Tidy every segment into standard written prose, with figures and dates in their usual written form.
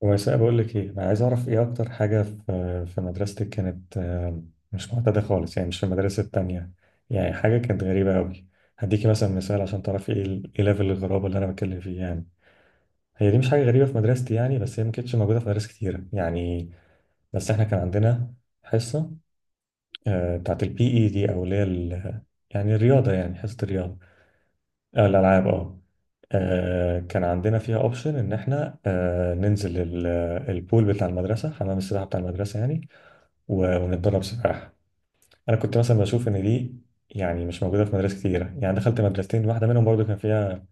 ويساء بقول لك ايه، انا عايز اعرف ايه اكتر حاجه في مدرستك كانت مش معتاده خالص، يعني مش في المدارس التانية. يعني حاجه كانت غريبه قوي. هديكي مثلا مثال عشان تعرفي ايه ايه ليفل الغرابه اللي انا بتكلم فيه يعني. هي دي مش حاجه غريبه في مدرستي يعني، بس هي ما كانتش موجوده في مدارس كتيره يعني. بس احنا كان عندنا حصه، بتاعت البي اي دي او، اللي هي يعني الرياضه، يعني حصه الرياضه. آه، الألعاب اه. كان عندنا فيها اوبشن ان احنا، ننزل البول بتاع المدرسه، حمام السباحه بتاع المدرسه يعني، ونتدرب سباحه. انا كنت مثلا بشوف ان دي يعني مش موجوده في مدارس كتيره. يعني دخلت مدرستين، واحده منهم برضو كان فيها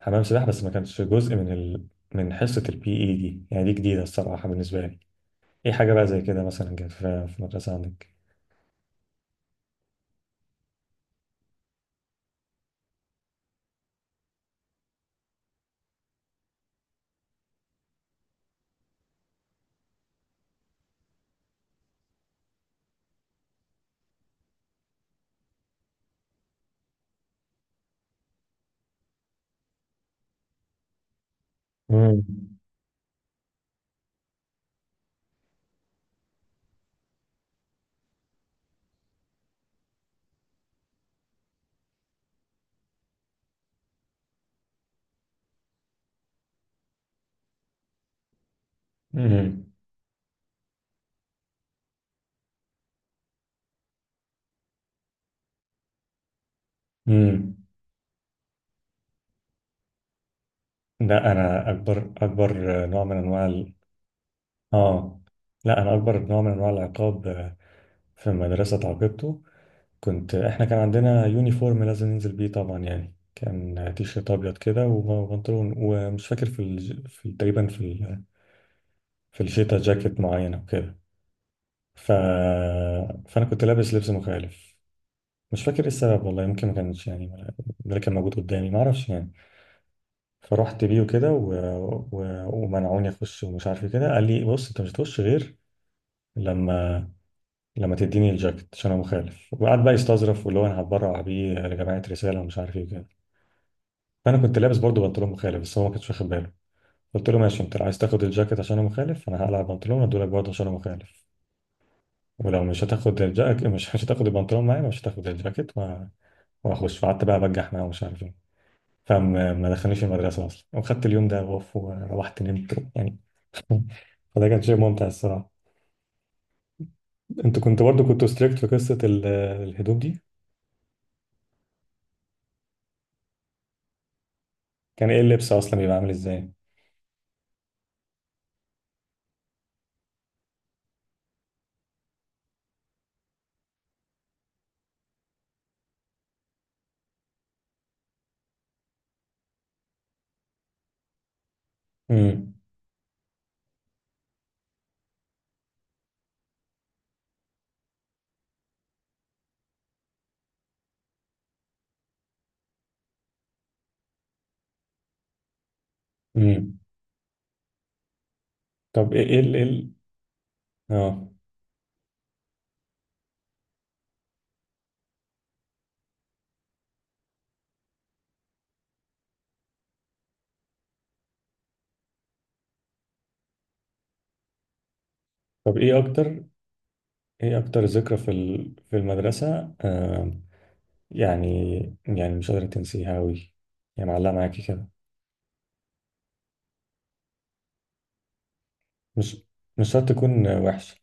حمام سباحه بس ما كانش جزء من من حصه البي اي دي. يعني دي جديده الصراحه بالنسبه لي. ايه حاجه بقى زي كده مثلا كانت في المدرسه عندك؟ امم. امم. لا، انا اكبر نوع من انواع. اه. لا، انا اكبر نوع من انواع العقاب في المدرسه اتعاقبته. احنا كان عندنا يونيفورم لازم ننزل بيه طبعا، يعني كان تيشيرت ابيض كده وبنطلون، ومش فاكر في تقريبا في الشتاء جاكيت معينه وكده. ف... فانا كنت لابس لبس مخالف. مش فاكر ايه السبب، والله يمكن ما كانش يعني ده اللي كان موجود قدامي، ما اعرفش يعني. فرحت بيه وكده و... ومنعوني اخش، ومش عارف ايه كده، قال لي بص انت مش هتخش غير لما لما تديني الجاكيت عشان انا مخالف، وقعد بقى يستظرف واللي هو انا هتبرع بيه لجماعه رساله ومش عارف ايه وكده. فانا كنت لابس برضه بنطلون مخالف بس هو ما كانش واخد باله. قلت له ماشي، انت لو عايز تاخد الجاكيت عشان انا مخالف، انا هقلع البنطلون وادولك برضه عشان انا مخالف، ولو مش هتاخد الجاكيت، مش مش هتاخد البنطلون معايا، مش هتاخد الجاكيت واخش. فقعدت بقى بجح معاه ومش عارف ايه. فما ما دخلنيش المدرسه اصلا، وخدت اليوم ده غوف وروحت نمت يعني. فده كان شيء ممتع الصراحه. انتوا كنتوا برضه كنتوا ستريكت في قصه الهدوم دي؟ كان ايه اللبس اصلا بيبقى عامل ازاي؟ امم. امم. طب ايه اه. طب ايه اكتر ذكرى في المدرسة يعني يعني مش قادرة تنسيها أوي، يعني معلقة معاكي كده. مش مش شرط تكون وحشة.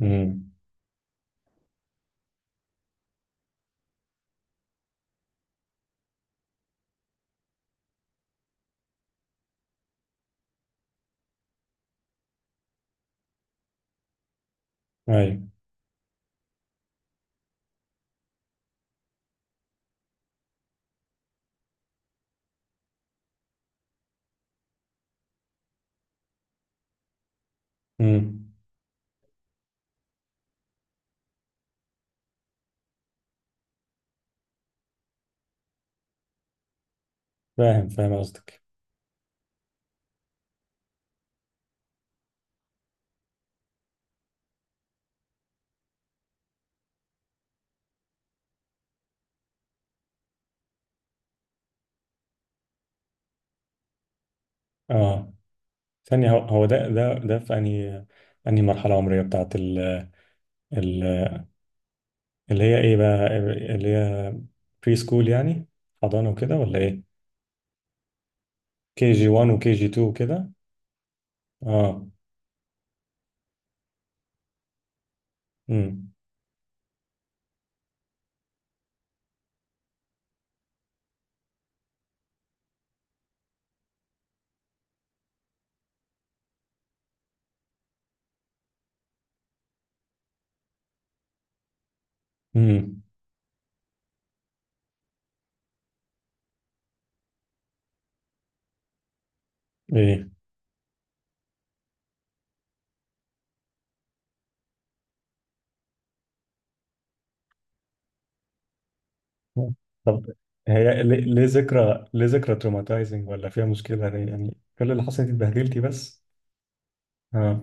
امم. ايوه. امم. فاهم، فاهم قصدك. اه. ثانية، هو ده في انهي مرحلة عمرية بتاعت ال اللي هي ايه بقى، اللي هي بري سكول يعني، حضانة وكده ولا ايه؟ كي جي 1 وكي جي 2 وكده. اه. امم. امم. ايه. طب هي ليه ذكرى، ليه ذكرى تروماتايزنج ولا فيها مشكلة ليه؟ يعني كل اللي حصل انت اتبهدلتي بس. اه.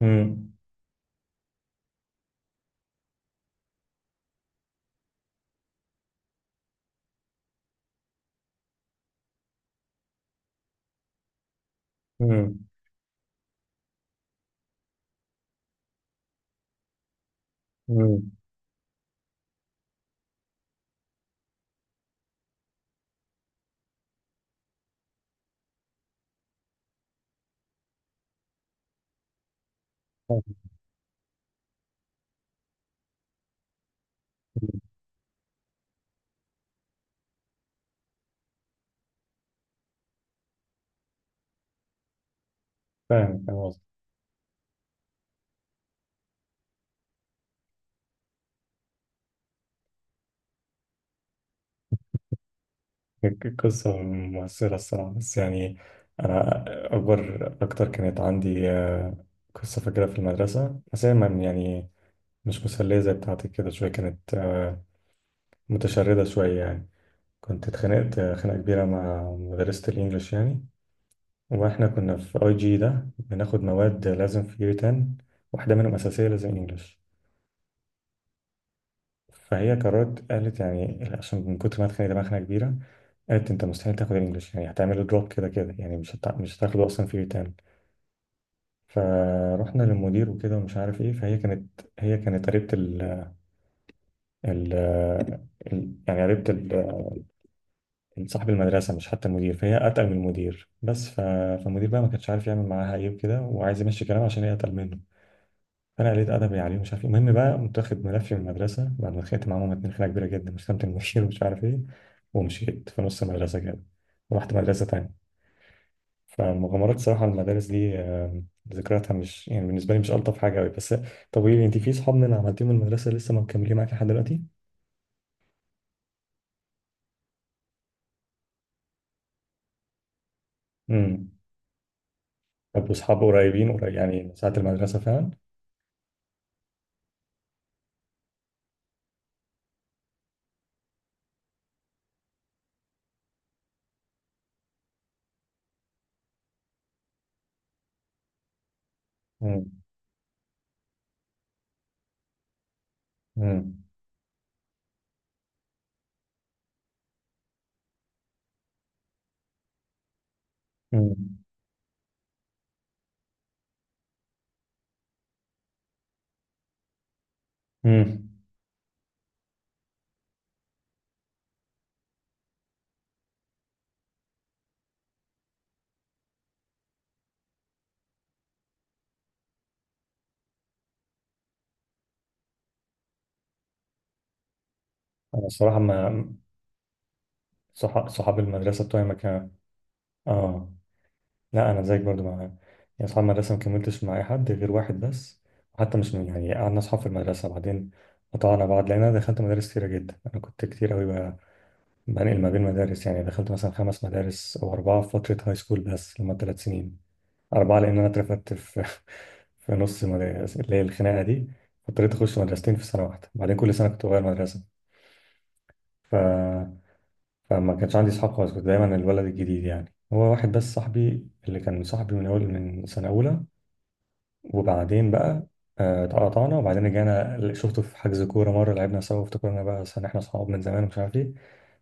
امم. امم. امم. فاهم، فاهم قصدك. قصة مؤثرة الصراحة بس يعني. أنا أكبر أكتر كانت عندي قصة فاكرها في المدرسة، بس هي يعني مش مسلية زي بتاعتك كده، شوية كانت متشردة شوية يعني. كنت اتخانقت خناقة كبيرة مع مدرسة الإنجليش يعني. واحنا كنا في اي جي ده بناخد مواد لازم في year 10، واحدة منهم أساسية لازم انجلش. فهي قررت قالت يعني، عشان من كتر ما اتخانق دماغنا كبيرة، قالت انت مستحيل تاخد الانجلش، يعني هتعمله دروب كده كده، يعني مش هتاخده اصلا في year 10. فروحنا للمدير وكده ومش عارف ايه. فهي كانت قريبة ال... ال... يعني قريبة صاحب المدرسة، مش حتى المدير. فهي أتقل من المدير بس فالمدير بقى ما كانش عارف يعمل معاها ايه وكده، وعايز يمشي كلام عشان هي أتقل منه. انا قليل ادبي عليه مش عارف إيه. المهم بقى قمت واخد ملفي من المدرسه بعد ما اتخانقت معاهم اتنين خناقه كبيره جدا، شتمت المدير ومش عارف ايه، ومشيت في نص المدرسه كده ورحت مدرسه تانية. فالمغامرات صراحه المدارس دي، ذكرياتها مش يعني بالنسبه لي مش الطف حاجه قوي بس. طب قولي لي، انت في صحاب من عملتيهم من المدرسه لسه مكملين معاك لحد دلوقتي؟ امم. طب واصحاب قريبين، قريب يعني من ساعه المدرسه فعلا؟ امم. امم. امم. امم. انا الصراحه ما صح- صحاب المدرسه بتوعي ما كان. اه. لا انا زيك برضو، مع يعني اصحاب المدرسه ما كملتش مع اي حد غير واحد بس. وحتى مش من يعني قعدنا اصحاب في المدرسه بعدين قطعنا بعض، لان انا دخلت مدارس كتيره جدا. انا كنت كتير قوي بقى بنقل ما بين مدارس. يعني دخلت مثلا خمس مدارس او اربعه في فتره هاي سكول، بس لما ثلاث سنين، اربعه، لان انا اترفدت في في نص مدارس اللي هي الخناقه دي. اضطريت اخش مدرستين في سنه واحده، بعدين كل سنه كنت بغير مدرسه. ف... فما كانش عندي اصحاب خالص، كنت دايما الولد الجديد يعني. هو واحد بس صاحبي اللي كان صاحبي من سنه اولى، وبعدين بقى اتقطعنا، وبعدين رجعنا شفته في حجز كورة مرة، لعبنا سوا وافتكرنا بقى عشان احنا صحاب من زمان ومش عارف ايه.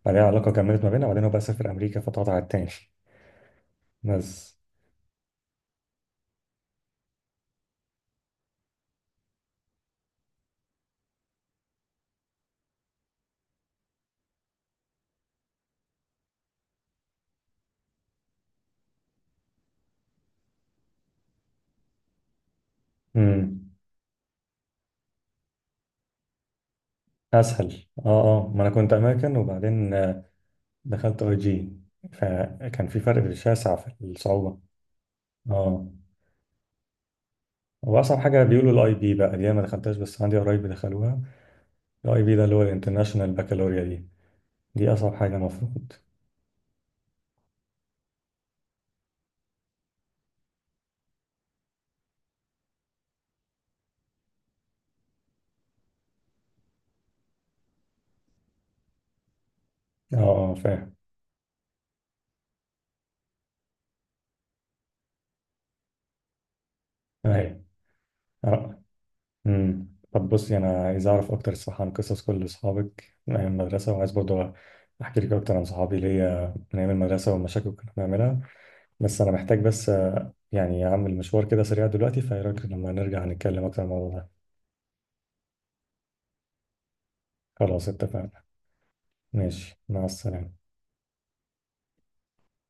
بعدين العلاقة كملت ما بيننا، وبعدين هو بقى سافر أمريكا فاتقطع التاني بس. امم. أسهل، اه اه، ما أنا كنت أمريكان وبعدين دخلت أي جي فكان في فرق شاسع في الصعوبة. اه. وأصعب حاجة بيقولوا الأي بي بقى، دي أنا ما دخلتهاش بس عندي قرايب دخلوها. الأي بي ده اللي هو الانترناشونال بكالوريا دي أصعب حاجة المفروض. اه اه فاهم. أيوة. آه. امم. طب بصي انا عايز اعرف اكتر الصراحه عن قصص كل اصحابك من ايام المدرسه، وعايز برضه احكي لك اكتر عن صحابي ليا من ايام المدرسه والمشاكل اللي كنا بنعملها. بس انا محتاج بس يعني اعمل مشوار كده سريع دلوقتي، فايه رايك لما نرجع نتكلم اكتر عن الموضوع ده؟ خلاص اتفقنا. ماشي مع السلامه.